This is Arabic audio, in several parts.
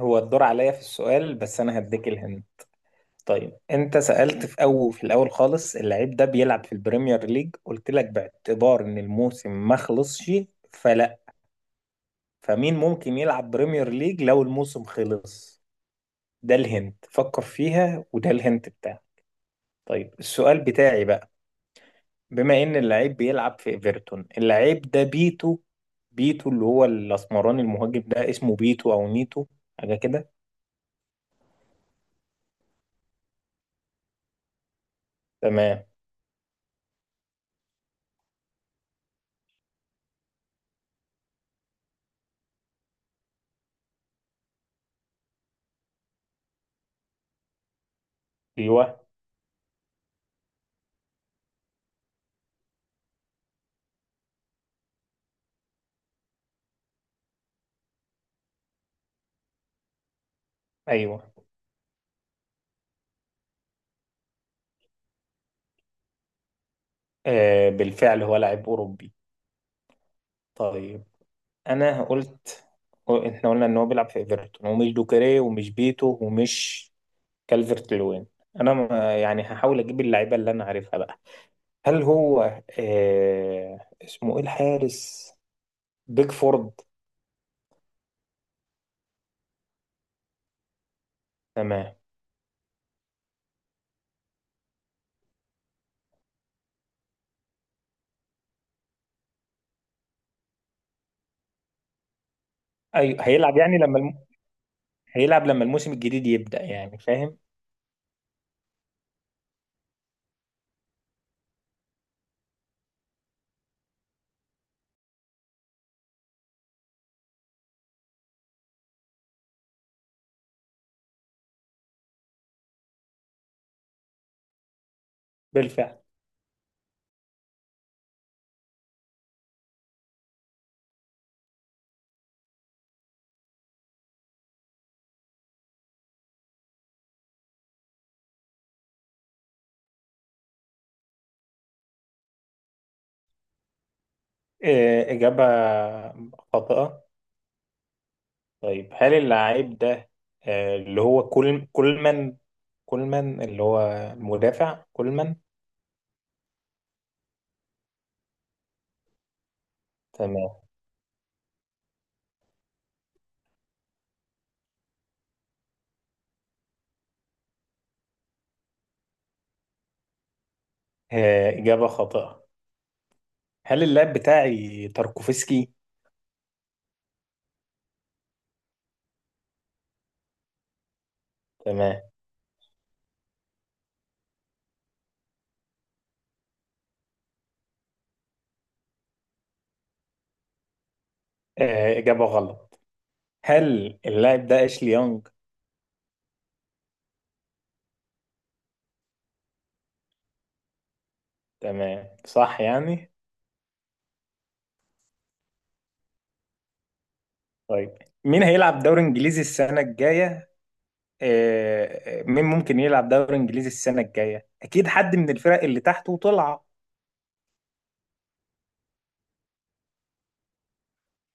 هو الدور عليا في السؤال بس انا هديك الهند. طيب انت سألت في اول في الاول خالص، اللعيب ده بيلعب في البريمير ليج؟ قلت لك باعتبار ان الموسم ما خلصش فلا، فمين ممكن يلعب بريمير ليج لو الموسم خلص؟ ده الهند فكر فيها، وده الهند بتاعك. طيب السؤال بتاعي بقى، بما ان اللعيب بيلعب في ايفرتون، اللعيب ده بيتو. بيتو اللي هو الاسمراني المهاجم ده، اسمه بيتو او نيتو، حاجه كده. تمام. ايوه. ايوه. آه بالفعل هو لاعب أوروبي. طيب، أنا قلت إحنا قلنا إن هو بيلعب في إيفرتون، ومش دوكري، ومش بيتو، ومش كالفرت لوين. أنا ما- يعني هحاول أجيب اللعيبة اللي أنا عارفها بقى. هل هو، آه اسمه إيه، الحارس بيكفورد؟ تمام. أيوه هيلعب، هيلعب لما الموسم الجديد يبدأ، يعني فاهم. بالفعل. آه، إجابة خاطئة. طيب هل اللعيب ده، آه، اللي هو كل كولمان، كولمان اللي هو المدافع كولمان. تمام. آه، إجابة خاطئة. هل اللاعب بتاعي تاركوفسكي؟ تمام. آه، إجابة غلط. هل اللاعب ده أشلي يونج؟ تمام صح يعني. طيب مين هيلعب دوري إنجليزي السنة الجاية؟ آه، آه، مين ممكن يلعب دوري إنجليزي السنة الجاية، أكيد حد من الفرق اللي تحت وطلع.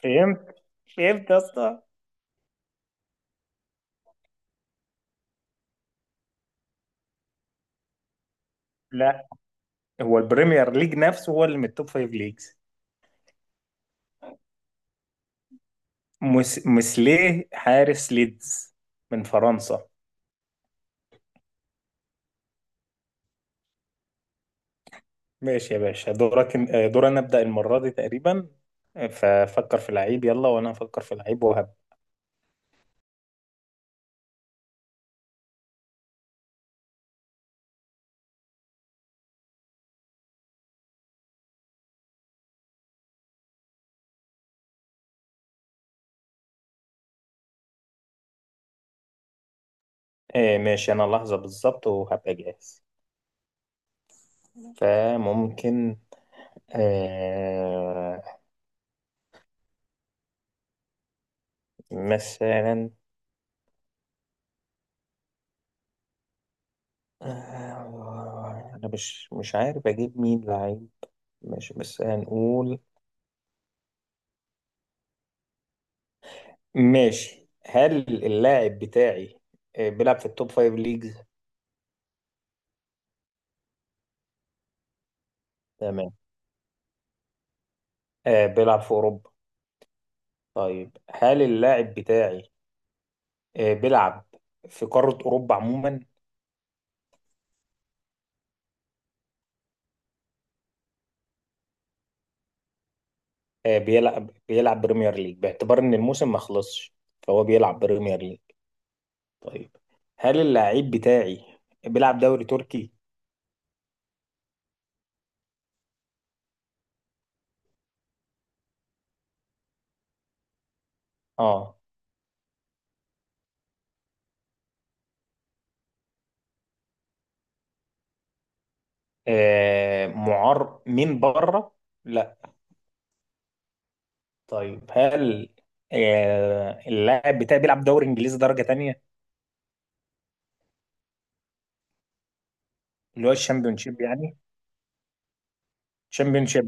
فهمت. فهمت يا اسطى. لا، هو البريمير ليج نفسه هو اللي من التوب فايف ليجز. مسليه حارس ليدز، من فرنسا. ماشي يا باشا دورك، دور انا ابدا المره دي تقريبا. آه، ففكر في لعيب يلا، وانا هفكر في لعيب وهب. آه ماشي انا لحظه بالظبط وهبقى جاهز. فممكن، آه، مثلا، آه انا مش عارف اجيب مين لعيب. ماشي بس هنقول، ماشي، هل اللاعب بتاعي، آه، بيلعب في التوب فايف ليجز؟ تمام. آه بيلعب في أوروبا. طيب هل اللاعب بتاعي، آه بيلعب في قارة أوروبا عموما؟ آه بيلعب، بيلعب بريمير ليج باعتبار إن الموسم ما خلصش، فهو بيلعب بريمير ليج. طيب هل اللاعب بتاعي بيلعب دوري تركي؟ اه, آه معار من بره؟ لا. طيب هل، آه اللاعب بتاعي بيلعب دوري إنجليزي درجة تانية، اللي هو الشامبيونشيب يعني. شامبيونشيب.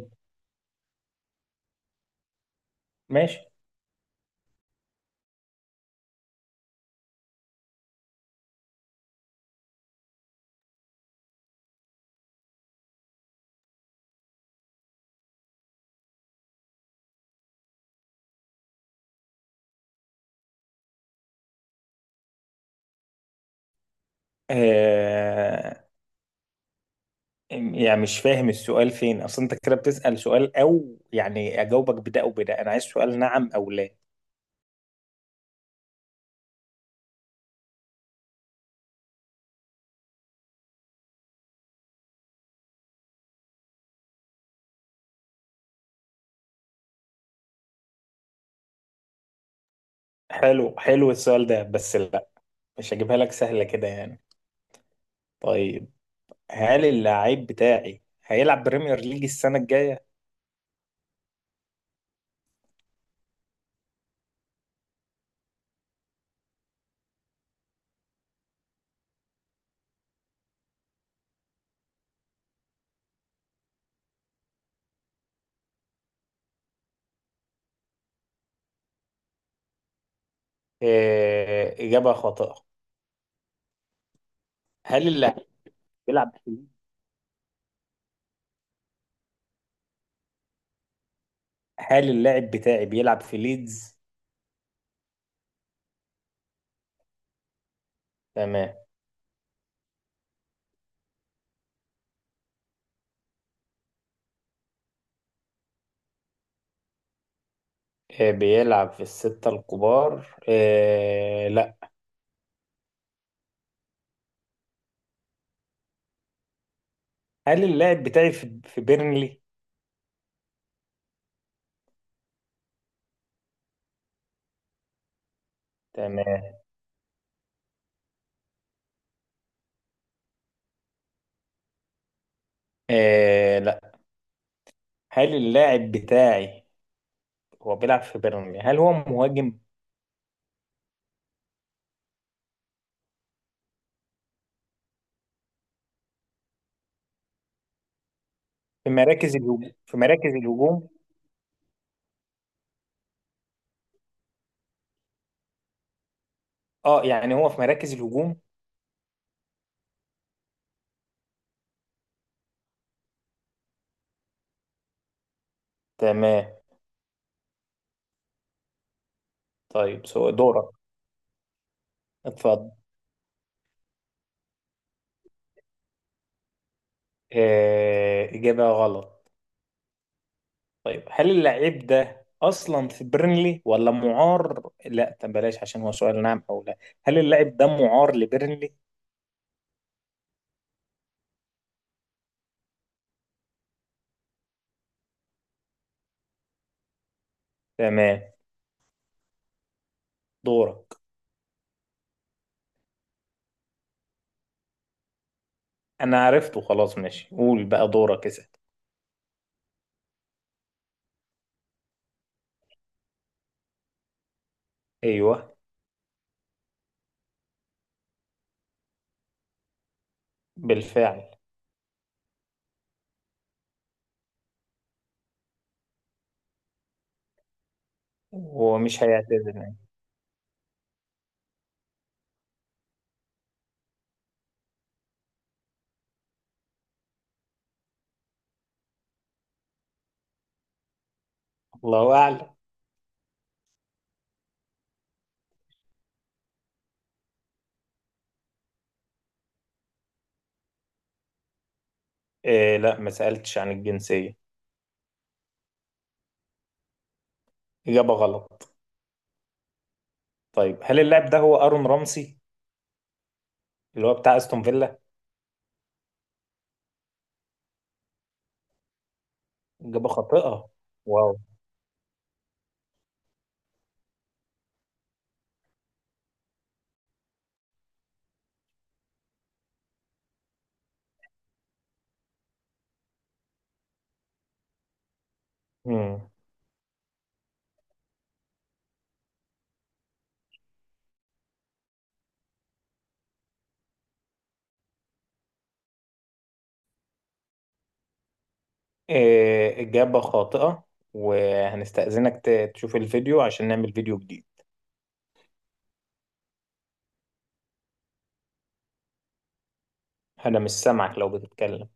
ماشي. آه، يعني مش فاهم السؤال فين اصل، انت كده بتسأل سؤال او يعني اجاوبك بده او بده، انا عايز سؤال نعم او لا. حلو حلو السؤال ده، بس لا، مش هجيبها لك سهلة كده يعني. طيب هل اللاعب بتاعي هيلعب بريمير ليج السنة الجاية؟ آه إجابة خاطئة. هل اللاعب بيلعب في ليدز؟ هل اللاعب بتاعي بيلعب في ليدز؟ تمام. آه بيلعب في الستة الكبار؟ آه لا. هل اللاعب بتاعي في بيرنلي؟ تمام. آه لا. هل اللاعب بتاعي، هو بيلعب في بيرنلي، هل هو مهاجم؟ في مراكز الهجوم في مراكز الهجوم. اه يعني هو في مراكز الهجوم. تمام. طيب سو دورك. اتفضل. آه إجابة غلط. طيب هل اللاعب ده أصلا في بيرنلي ولا معار؟ لا طب بلاش، عشان هو سؤال نعم أو لا. هل اللاعب ده معار لبيرنلي؟ تمام. دورك. أنا عرفته خلاص، ماشي قول بقى دورك اسأل. ايوه. بالفعل. هو مش هيعتذر يعني. الله أعلم. إيه لا، ما سألتش عن الجنسية. إجابة غلط. طيب هل اللاعب ده هو أرون رامسي، اللي هو بتاع أستون فيلا؟ إجابة خاطئة. واو. مم. إيه إجابة خاطئة. وهنستأذنك تشوف الفيديو عشان نعمل فيديو جديد. أنا مش سامعك لو بتتكلم.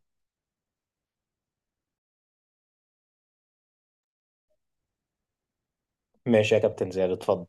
ماشي يا كابتن زياد اتفضل.